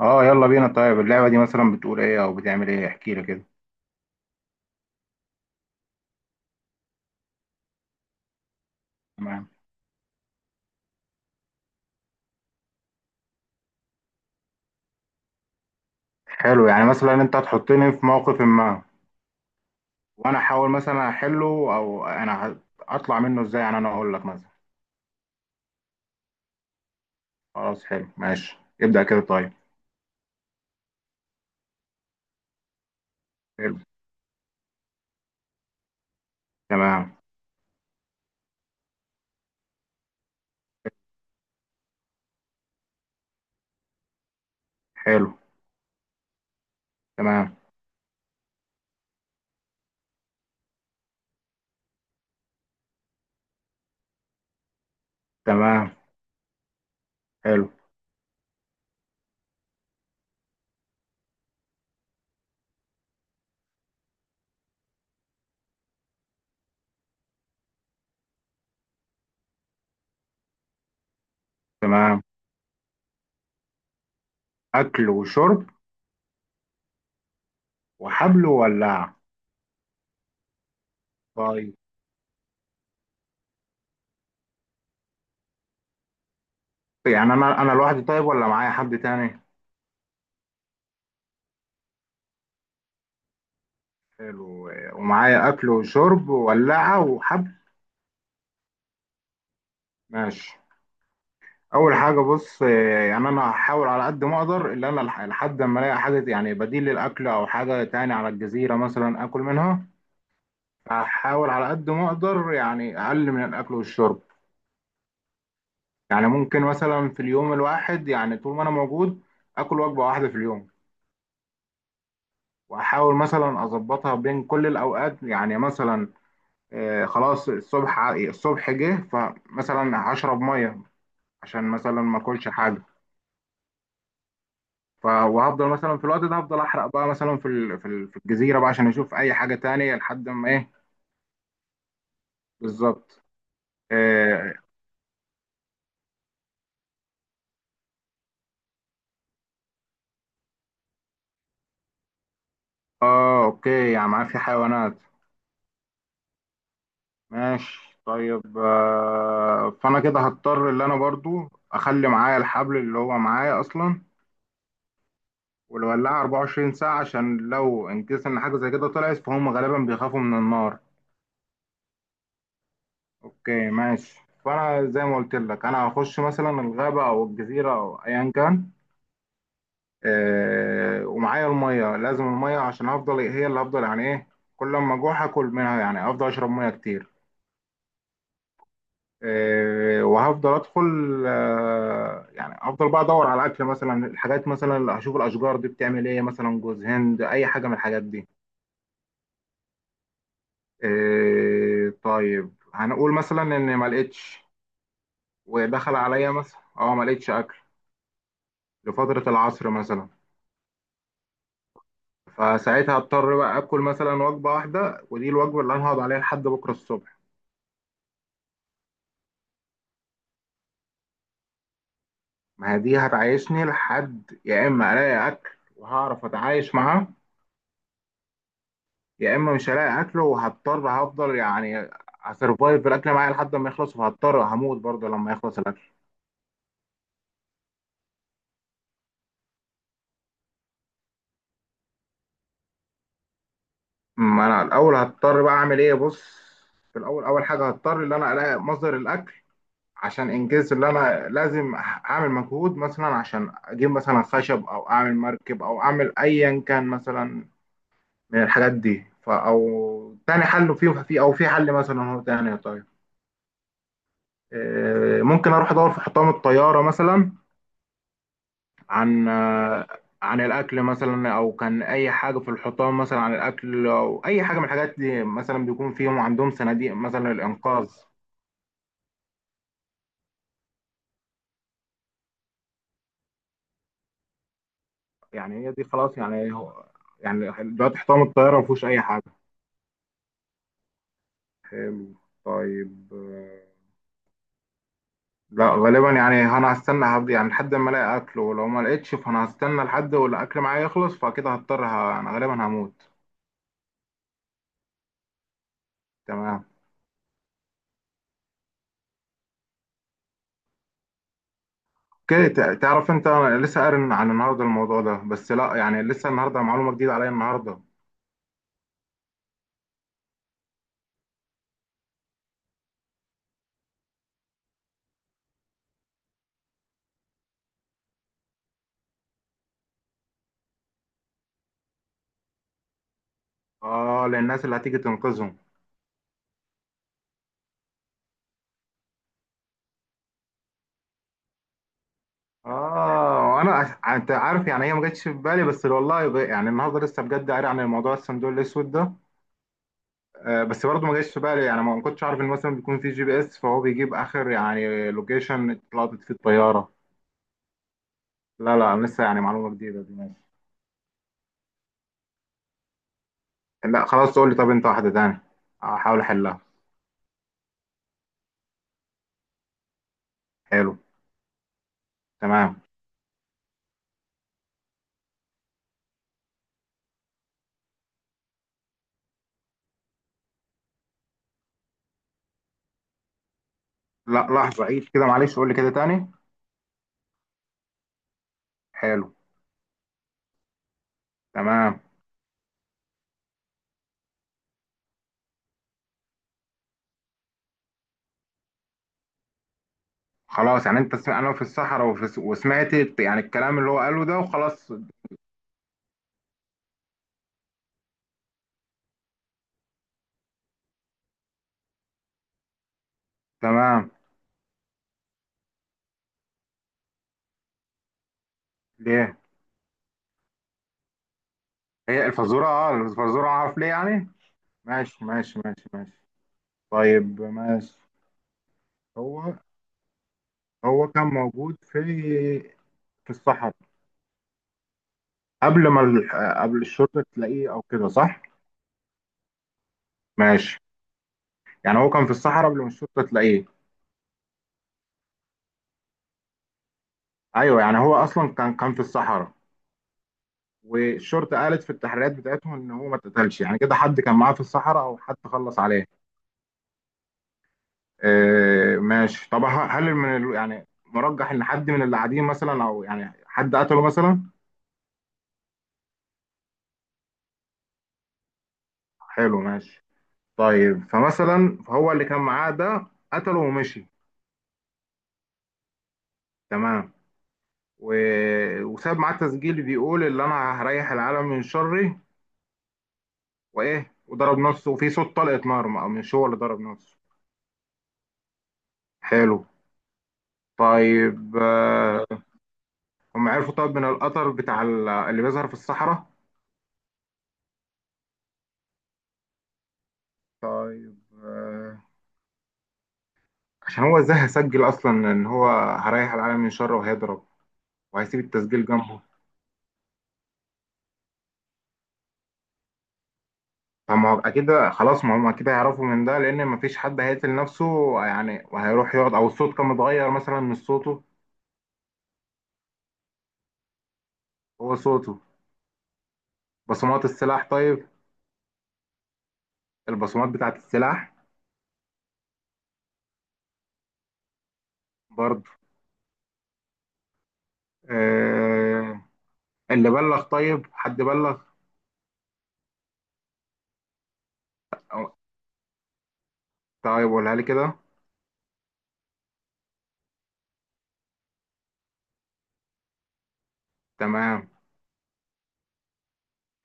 اه، يلا بينا. طيب اللعبة دي مثلا بتقول ايه او بتعمل ايه؟ احكي لي كده. تمام. حلو، يعني مثلا انت هتحطني في موقف ما وانا احاول مثلا احله، او انا اطلع منه ازاي؟ يعني انا اقول لك مثلا. خلاص، حلو ماشي، ابدأ كده طيب. حلو. تمام. حلو. تمام. تمام. حلو. تمام. اكل وشرب وحبل وولع؟ طيب. يعني انا لوحدي، طيب ولا معايا حد تاني؟ حلو، ومعايا اكل وشرب وولعة وحبل. ماشي. اول حاجه بص، يعني انا هحاول على قد ما اقدر، اللي انا لحد ما الاقي حاجه يعني بديل للاكل، او حاجه تاني على الجزيره مثلا اكل منها. هحاول على قد ما اقدر يعني اقل من الاكل والشرب. يعني ممكن مثلا في اليوم الواحد، يعني طول ما انا موجود، اكل وجبه واحده في اليوم، واحاول مثلا اظبطها بين كل الاوقات، يعني مثلا خلاص، الصبح الصبح جه فمثلا هشرب ميه عشان مثلا ما اكلش حاجه. وهفضل مثلا في الوقت ده هفضل احرق بقى مثلا في الجزيره بقى عشان اشوف اي حاجه تانية، لحد ما ايه؟ بالظبط. اه، آه اوكي، يعني معاه في حيوانات. ماشي طيب، فانا كده هضطر اللي انا برضو اخلي معايا الحبل اللي هو معايا اصلا، والولاعه 24 ساعه، عشان لو ان كيس ان حاجه زي كده طلعت، فهم غالبا بيخافوا من النار. اوكي ماشي. فانا زي ما قلت لك، انا هخش مثلا الغابه او الجزيره او ايا كان، ومعايا الميه، لازم الميه عشان افضل، هي اللي افضل، يعني ايه، كل ما اجوع هاكل منها، يعني افضل اشرب ميه كتير. وهفضل ادخل، يعني افضل بقى ادور على الاكل مثلا، الحاجات مثلا اللي هشوف الاشجار دي بتعمل ايه، مثلا جوز هند، اي حاجه من الحاجات دي. طيب هنقول مثلا ان ما لقيتش، ودخل عليا مثلا ما لقيتش اكل لفتره العصر مثلا. فساعتها اضطر بقى اكل مثلا وجبه واحده، ودي الوجبه اللي انا هقعد عليها لحد بكره الصبح. ما هي دي هتعيشني لحد يا اما الاقي اكل وهعرف اتعايش معاه، يا اما مش هلاقي اكل وهضطر، هفضل يعني هسرفايف بالاكل معايا لحد ما يخلص، وهضطر هموت برضه لما يخلص الاكل. ما انا الاول هضطر بقى اعمل ايه، بص. في الاول اول حاجه هضطر ان انا الاقي مصدر الاكل، عشان انجز، اللي انا لازم اعمل مجهود مثلا عشان اجيب مثلا خشب او اعمل مركب او اعمل ايا كان مثلا من الحاجات دي. او تاني حل، فيه، في، او في حل مثلا هو تاني، طيب. ممكن اروح ادور في حطام الطياره مثلا عن آه، عن الاكل مثلا، او كان اي حاجه في الحطام مثلا عن الاكل او اي حاجه من الحاجات دي، مثلا بيكون فيهم عندهم صناديق مثلا للانقاذ. يعني هي دي خلاص، يعني هو يعني دلوقتي حطام الطياره ما فيهوش اي حاجه. حلو. طيب لا، غالبا يعني انا هستنى هبدي يعني لحد ما الاقي اكل، ولو ما لقيتش فانا هستنى لحد والاكل معايا يخلص، فكده هضطر، انا غالبا هموت. تمام. اوكي، تعرف انت، انا لسه قارن عن النهارده الموضوع ده، بس لا، يعني لسه النهارده معلومه جديده عليا النهارده. اه، للناس اللي هتيجي تنقذهم. اه، انت عارف، يعني هي ما جاتش في بالي، بس والله، يعني النهارده لسه بجد قاري عن الموضوع، الصندوق الاسود ده. بس برضه ما جاتش في بالي، يعني ما كنتش عارف ان مثلا بيكون في GPS، فهو بيجيب اخر يعني لوكيشن اتلقطت فيه الطياره. لا لا، لسه يعني معلومه جديده دي، ماشي. لا خلاص، تقول لي، طب انت واحده تاني، احاول احلها. حلو. تمام. لا لحظه، عيد كده معلش، قول لي كده تاني. حلو. تمام. خلاص، يعني انا في الصحراء، وسمعت يعني الكلام اللي هو قاله ده، وخلاص. تمام. ليه؟ هي الفزوره، اه الفزوره اعرف ليه يعني. ماشي ماشي ماشي ماشي. طيب ماشي. هو هو كان موجود في الصحراء، قبل ما ال... قبل الشرطه تلاقيه، او كده، صح؟ ماشي، يعني هو كان في الصحراء قبل ما الشرطه تلاقيه. ايوه، يعني هو اصلا كان في الصحراء. والشرطه قالت في التحريات بتاعتهم ان هو ما اتقتلش، يعني كده حد كان معاه في الصحراء او حد خلص عليه. آه ماشي. طب هل يعني مرجح ان حد من اللي قاعدين مثلا، او يعني حد قتله مثلا؟ حلو ماشي. طيب فمثلا، فهو اللي كان معاه ده قتله ومشي. تمام. و... وساب معاه تسجيل بيقول اللي انا هريح العالم من شره، وايه، وضرب نفسه وفي صوت طلقة نار، مش هو اللي ضرب نفسه. حلو. طيب هم عرفوا، طب من القطر بتاع اللي بيظهر في الصحراء. طيب عشان هو ازاي هيسجل اصلا ان هو هريح العالم من شره وهيضرب، وهيسيب التسجيل جنبه؟ فما هو اكيد، خلاص ما هم اكيد هيعرفوا من ده، لان ما فيش حد هيقتل نفسه يعني وهيروح يقعد، او الصوت كان متغير مثلا من صوته. هو صوته. بصمات السلاح؟ طيب، البصمات بتاعت السلاح؟ برضه. آه اللي بلغ؟ طيب حد بلغ؟ أو- طيب قولها لي كده. تمام.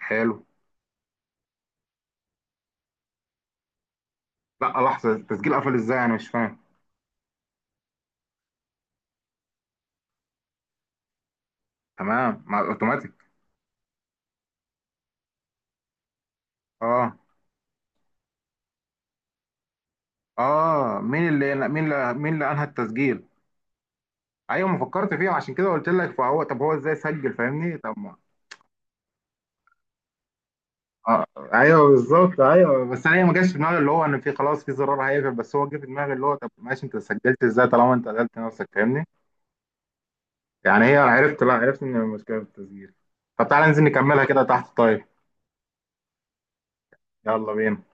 حلو. لا لحظة، التسجيل قفل ازاي؟ انا مش فاهم. تمام، مع اوتوماتيك. اه، اه مين اللي، مين اللي انهى التسجيل؟ ايوه، ما فكرت فيها، عشان كده قلت لك. فهو طب هو ازاي سجل فاهمني؟ طب ما، آه ايوه بالظبط، ايوه. بس انا ما جاش في دماغي اللي هو ان في، خلاص، في زرار هيقفل، بس هو جه في دماغي اللي هو طب ماشي، انت سجلت ازاي طالما انت قتلت نفسك، فاهمني. يعني هي عرفت، لا عرفت ان المشكله في التسجيل. طب تعالى ننزل نكملها كده تحت، طيب. يلا بينا.